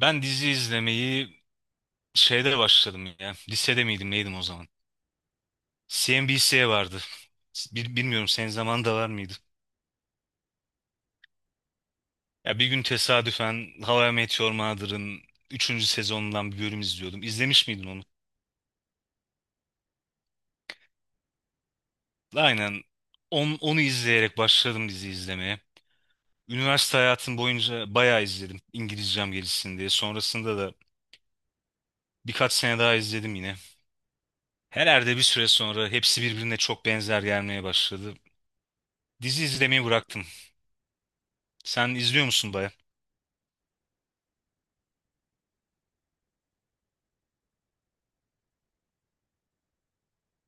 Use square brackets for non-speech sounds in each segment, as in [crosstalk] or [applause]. Ben dizi izlemeyi şeyde başladım ya. Lisede miydim neydim o zaman? CNBC vardı. Bilmiyorum senin zamanında var mıydı? Ya bir gün tesadüfen How I Met Your Mother'ın 3. sezonundan bir bölüm izliyordum. İzlemiş miydin onu? Aynen. Onu izleyerek başladım dizi izlemeye. Üniversite hayatım boyunca bayağı izledim. İngilizcem gelişsin diye. Sonrasında da birkaç sene daha izledim yine. Herhalde bir süre sonra hepsi birbirine çok benzer gelmeye başladı. Dizi izlemeyi bıraktım. Sen izliyor musun baya?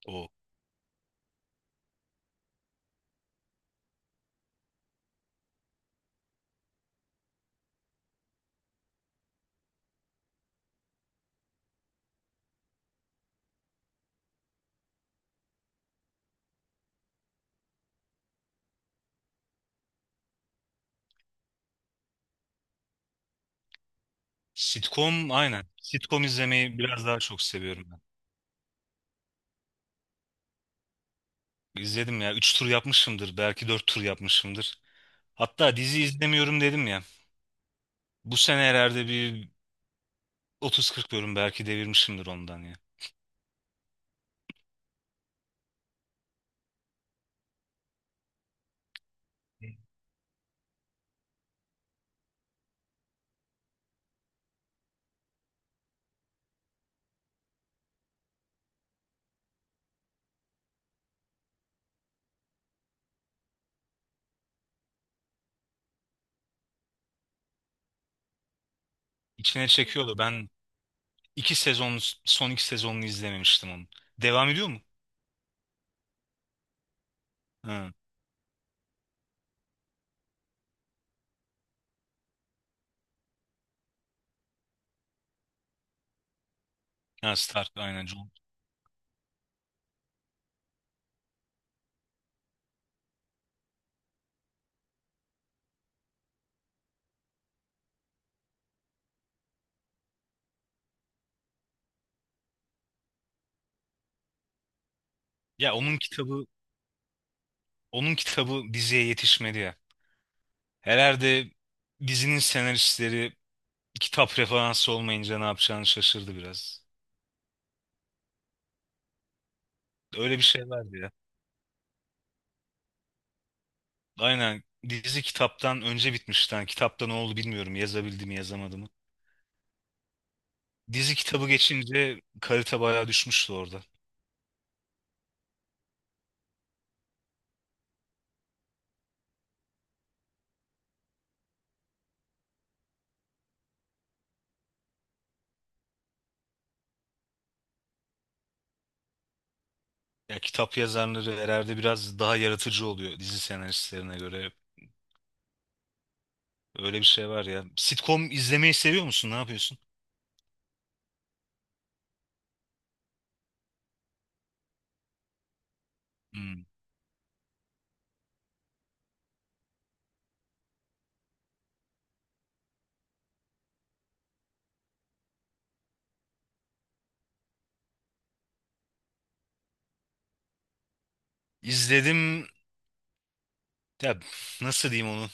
O. Sitcom aynen. Sitcom izlemeyi biraz daha çok seviyorum ben. İzledim ya. Üç tur yapmışımdır. Belki 4 tur yapmışımdır. Hatta dizi izlemiyorum dedim ya. Bu sene herhalde bir otuz kırk bölüm belki devirmişimdir ondan ya. İçine çekiyordu. Ben 2 sezon, son 2 sezonunu izlememiştim onun. Devam ediyor mu? Ha, ha, Stark aynen. Jon-. Ya onun kitabı diziye yetişmedi ya. Herhalde dizinin senaristleri kitap referansı olmayınca ne yapacağını şaşırdı biraz. Öyle bir şey vardı ya. Aynen, dizi kitaptan önce bitmişti. Yani kitapta ne oldu bilmiyorum. Yazabildi mi yazamadı mı? Dizi kitabı geçince kalite bayağı düşmüştü orada. Ya kitap yazarları herhalde biraz daha yaratıcı oluyor dizi senaristlerine göre. Öyle bir şey var ya. Sitcom izlemeyi seviyor musun? Ne yapıyorsun? Hmm. İzledim. Ya, nasıl diyeyim onu?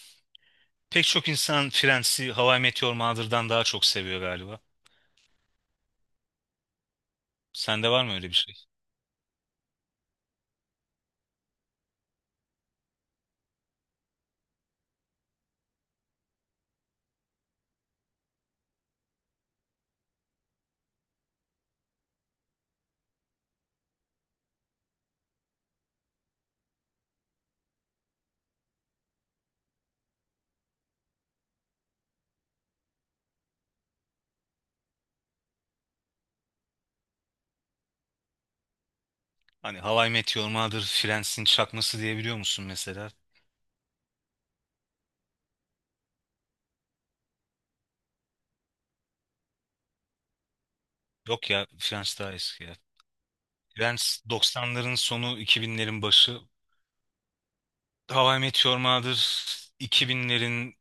Pek çok insan Friends'i How I Met Your Mother'dan daha çok seviyor galiba. Sende var mı öyle bir şey? Hani How I Met Your Mother, Friends'in çakması diyebiliyor musun mesela? Yok ya, Friends daha eski ya. Friends 90'ların sonu, 2000'lerin başı. How I Met Your Mother 2000'lerin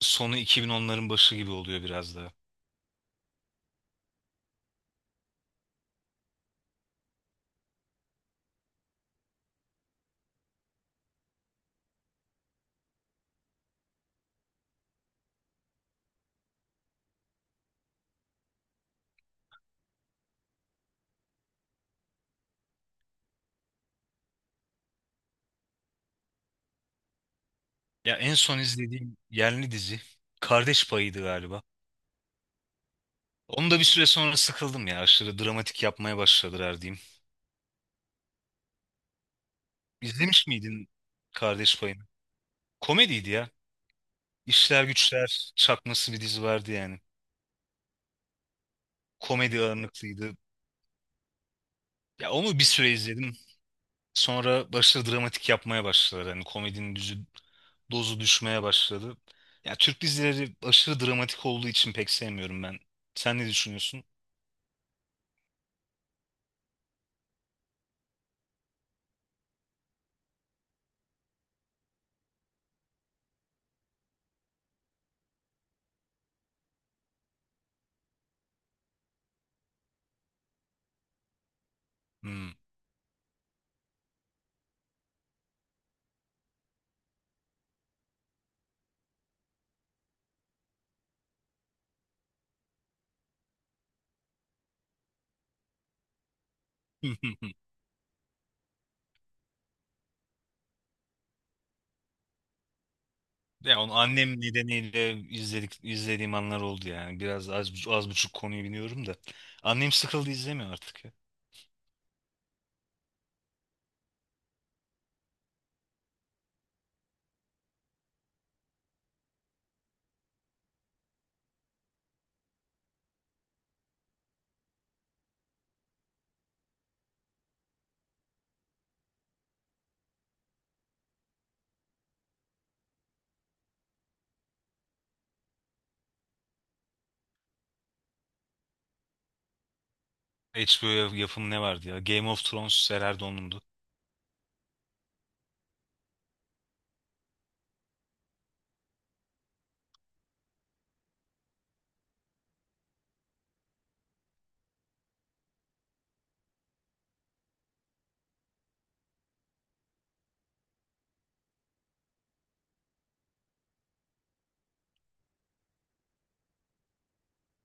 sonu, 2010'ların başı gibi oluyor biraz daha. Ya en son izlediğim yerli dizi Kardeş Payı'ydı galiba. Onu da bir süre sonra sıkıldım ya. Aşırı dramatik yapmaya başladılar diyeyim. İzlemiş miydin Kardeş Payı'nı? Komediydi ya. İşler Güçler çakması bir dizi vardı yani. Komedi ağırlıklıydı. Ya onu bir süre izledim. Sonra başladı, dramatik yapmaya başladılar. Hani komedinin dozu düşmeye başladı. Ya, Türk dizileri aşırı dramatik olduğu için pek sevmiyorum ben. Sen ne düşünüyorsun? Hmm. [laughs] Ya onu annem nedeniyle izlediğim anlar oldu yani. Biraz az buçuk konuyu biliyorum da. Annem sıkıldı, izlemiyor artık ya. HBO yapımı ne vardı ya? Game of Thrones Sera Erdon'undu.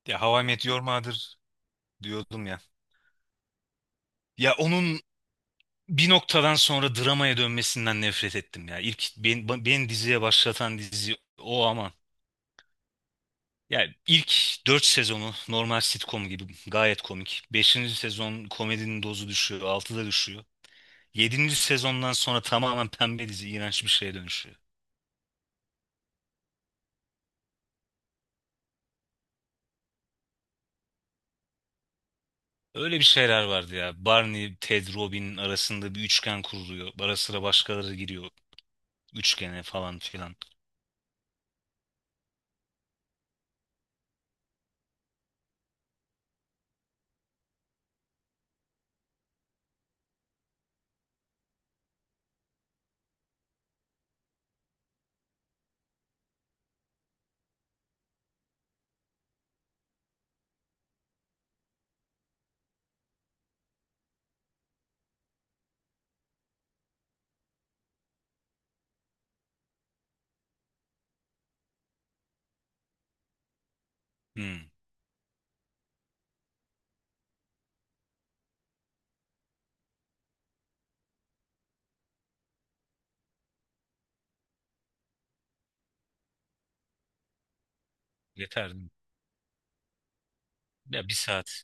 Ya How I Met Your Mother diyordum ya. Ya onun bir noktadan sonra dramaya dönmesinden nefret ettim ya. İlk beni diziye başlatan dizi o ama. Yani ilk 4 sezonu normal sitcom gibi gayet komik. Beşinci sezon komedinin dozu düşüyor, 6'da düşüyor. Yedinci sezondan sonra tamamen pembe dizi, iğrenç bir şeye dönüşüyor. Öyle bir şeyler vardı ya. Barney, Ted, Robin arasında bir üçgen kuruluyor. Ara sıra başkaları giriyor üçgene falan filan. Hmm, yeter. Ya bir saat.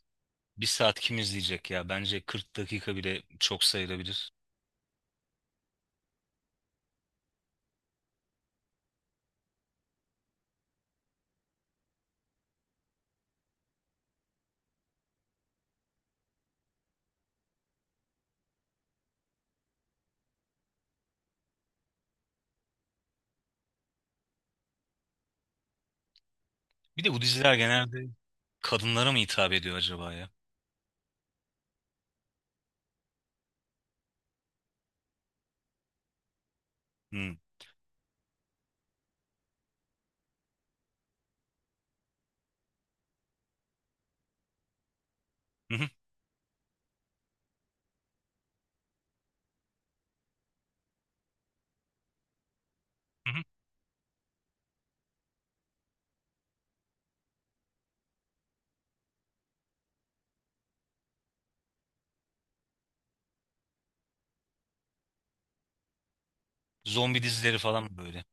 Bir saat kim izleyecek ya? Bence 40 dakika bile çok sayılabilir. Bir de bu diziler genelde kadınlara mı hitap ediyor acaba ya? Hmm. Hı hı, hı hı. Zombi dizileri falan böyle.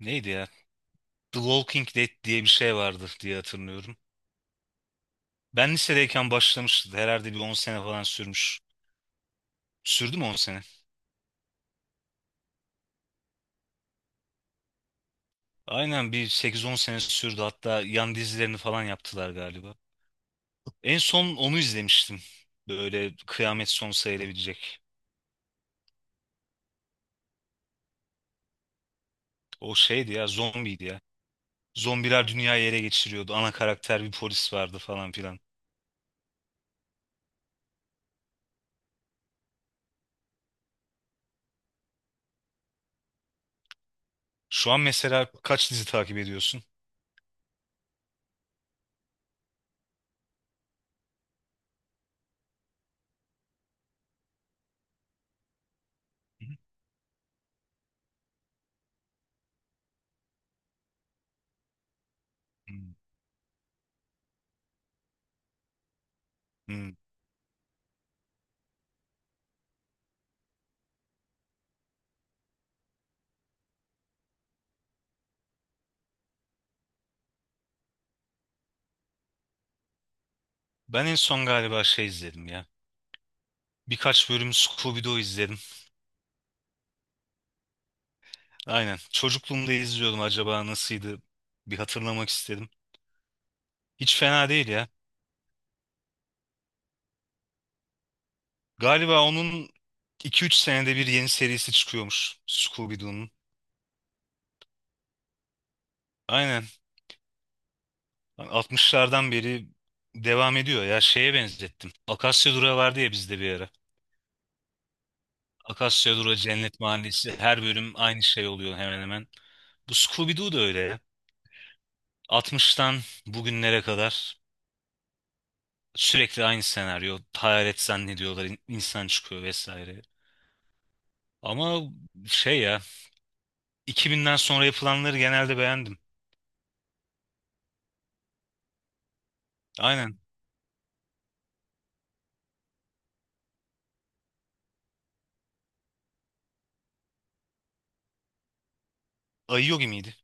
Neydi ya? The Walking Dead diye bir şey vardı diye hatırlıyorum. Ben lisedeyken başlamıştı. Herhalde bir 10 sene falan sürmüş. Sürdü mü 10 sene? Aynen, bir 8-10 sene sürdü. Hatta yan dizilerini falan yaptılar galiba. En son onu izlemiştim. Böyle kıyamet sonu sayılabilecek. O şeydi ya, zombiydi ya. Zombiler dünyayı ele geçiriyordu. Ana karakter bir polis vardı falan filan. Şu an mesela kaç dizi takip ediyorsun? Hmm. Hmm. Ben en son galiba şey izledim ya. Birkaç bölüm Scooby-Doo izledim. Aynen. Çocukluğumda izliyordum, acaba nasıldı? Bir hatırlamak istedim. Hiç fena değil ya. Galiba onun 2-3 senede bir yeni serisi çıkıyormuş Scooby-Doo'nun. Aynen. 60'lardan beri devam ediyor ya. Şeye benzettim. Akasya Durağı vardı ya bizde bir ara. Akasya Durağı Cennet Mahallesi her bölüm aynı şey oluyor hemen hemen. Bu Scooby-Doo da öyle ya. 60'tan bugünlere kadar sürekli aynı senaryo. Hayalet zannediyorlar, insan çıkıyor vesaire. Ama şey ya, 2000'den sonra yapılanları genelde beğendim. Aynen. Ayı Yogi miydi?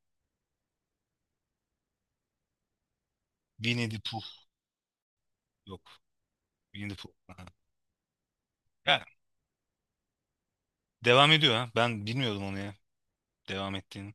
Winnie the Pooh. Yok. Winnie the Pooh. Aha. Ya, devam ediyor ha. Ben bilmiyordum onu ya. Devam ettiğini.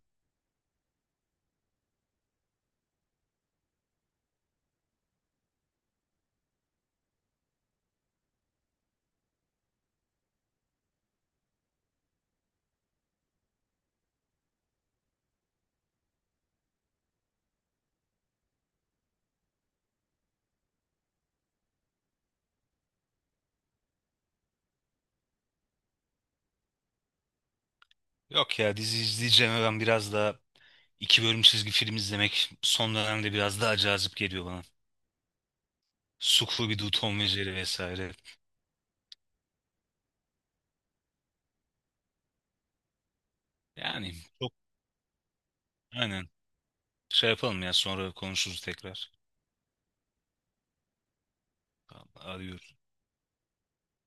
Yok ya, dizi izleyeceğime ben biraz daha iki bölüm çizgi film izlemek son dönemde biraz daha cazip geliyor bana. Suklu bir Tom ve Jerry vesaire. Yani çok aynen şey yapalım ya, sonra konuşuruz tekrar. Tamam, arıyorum.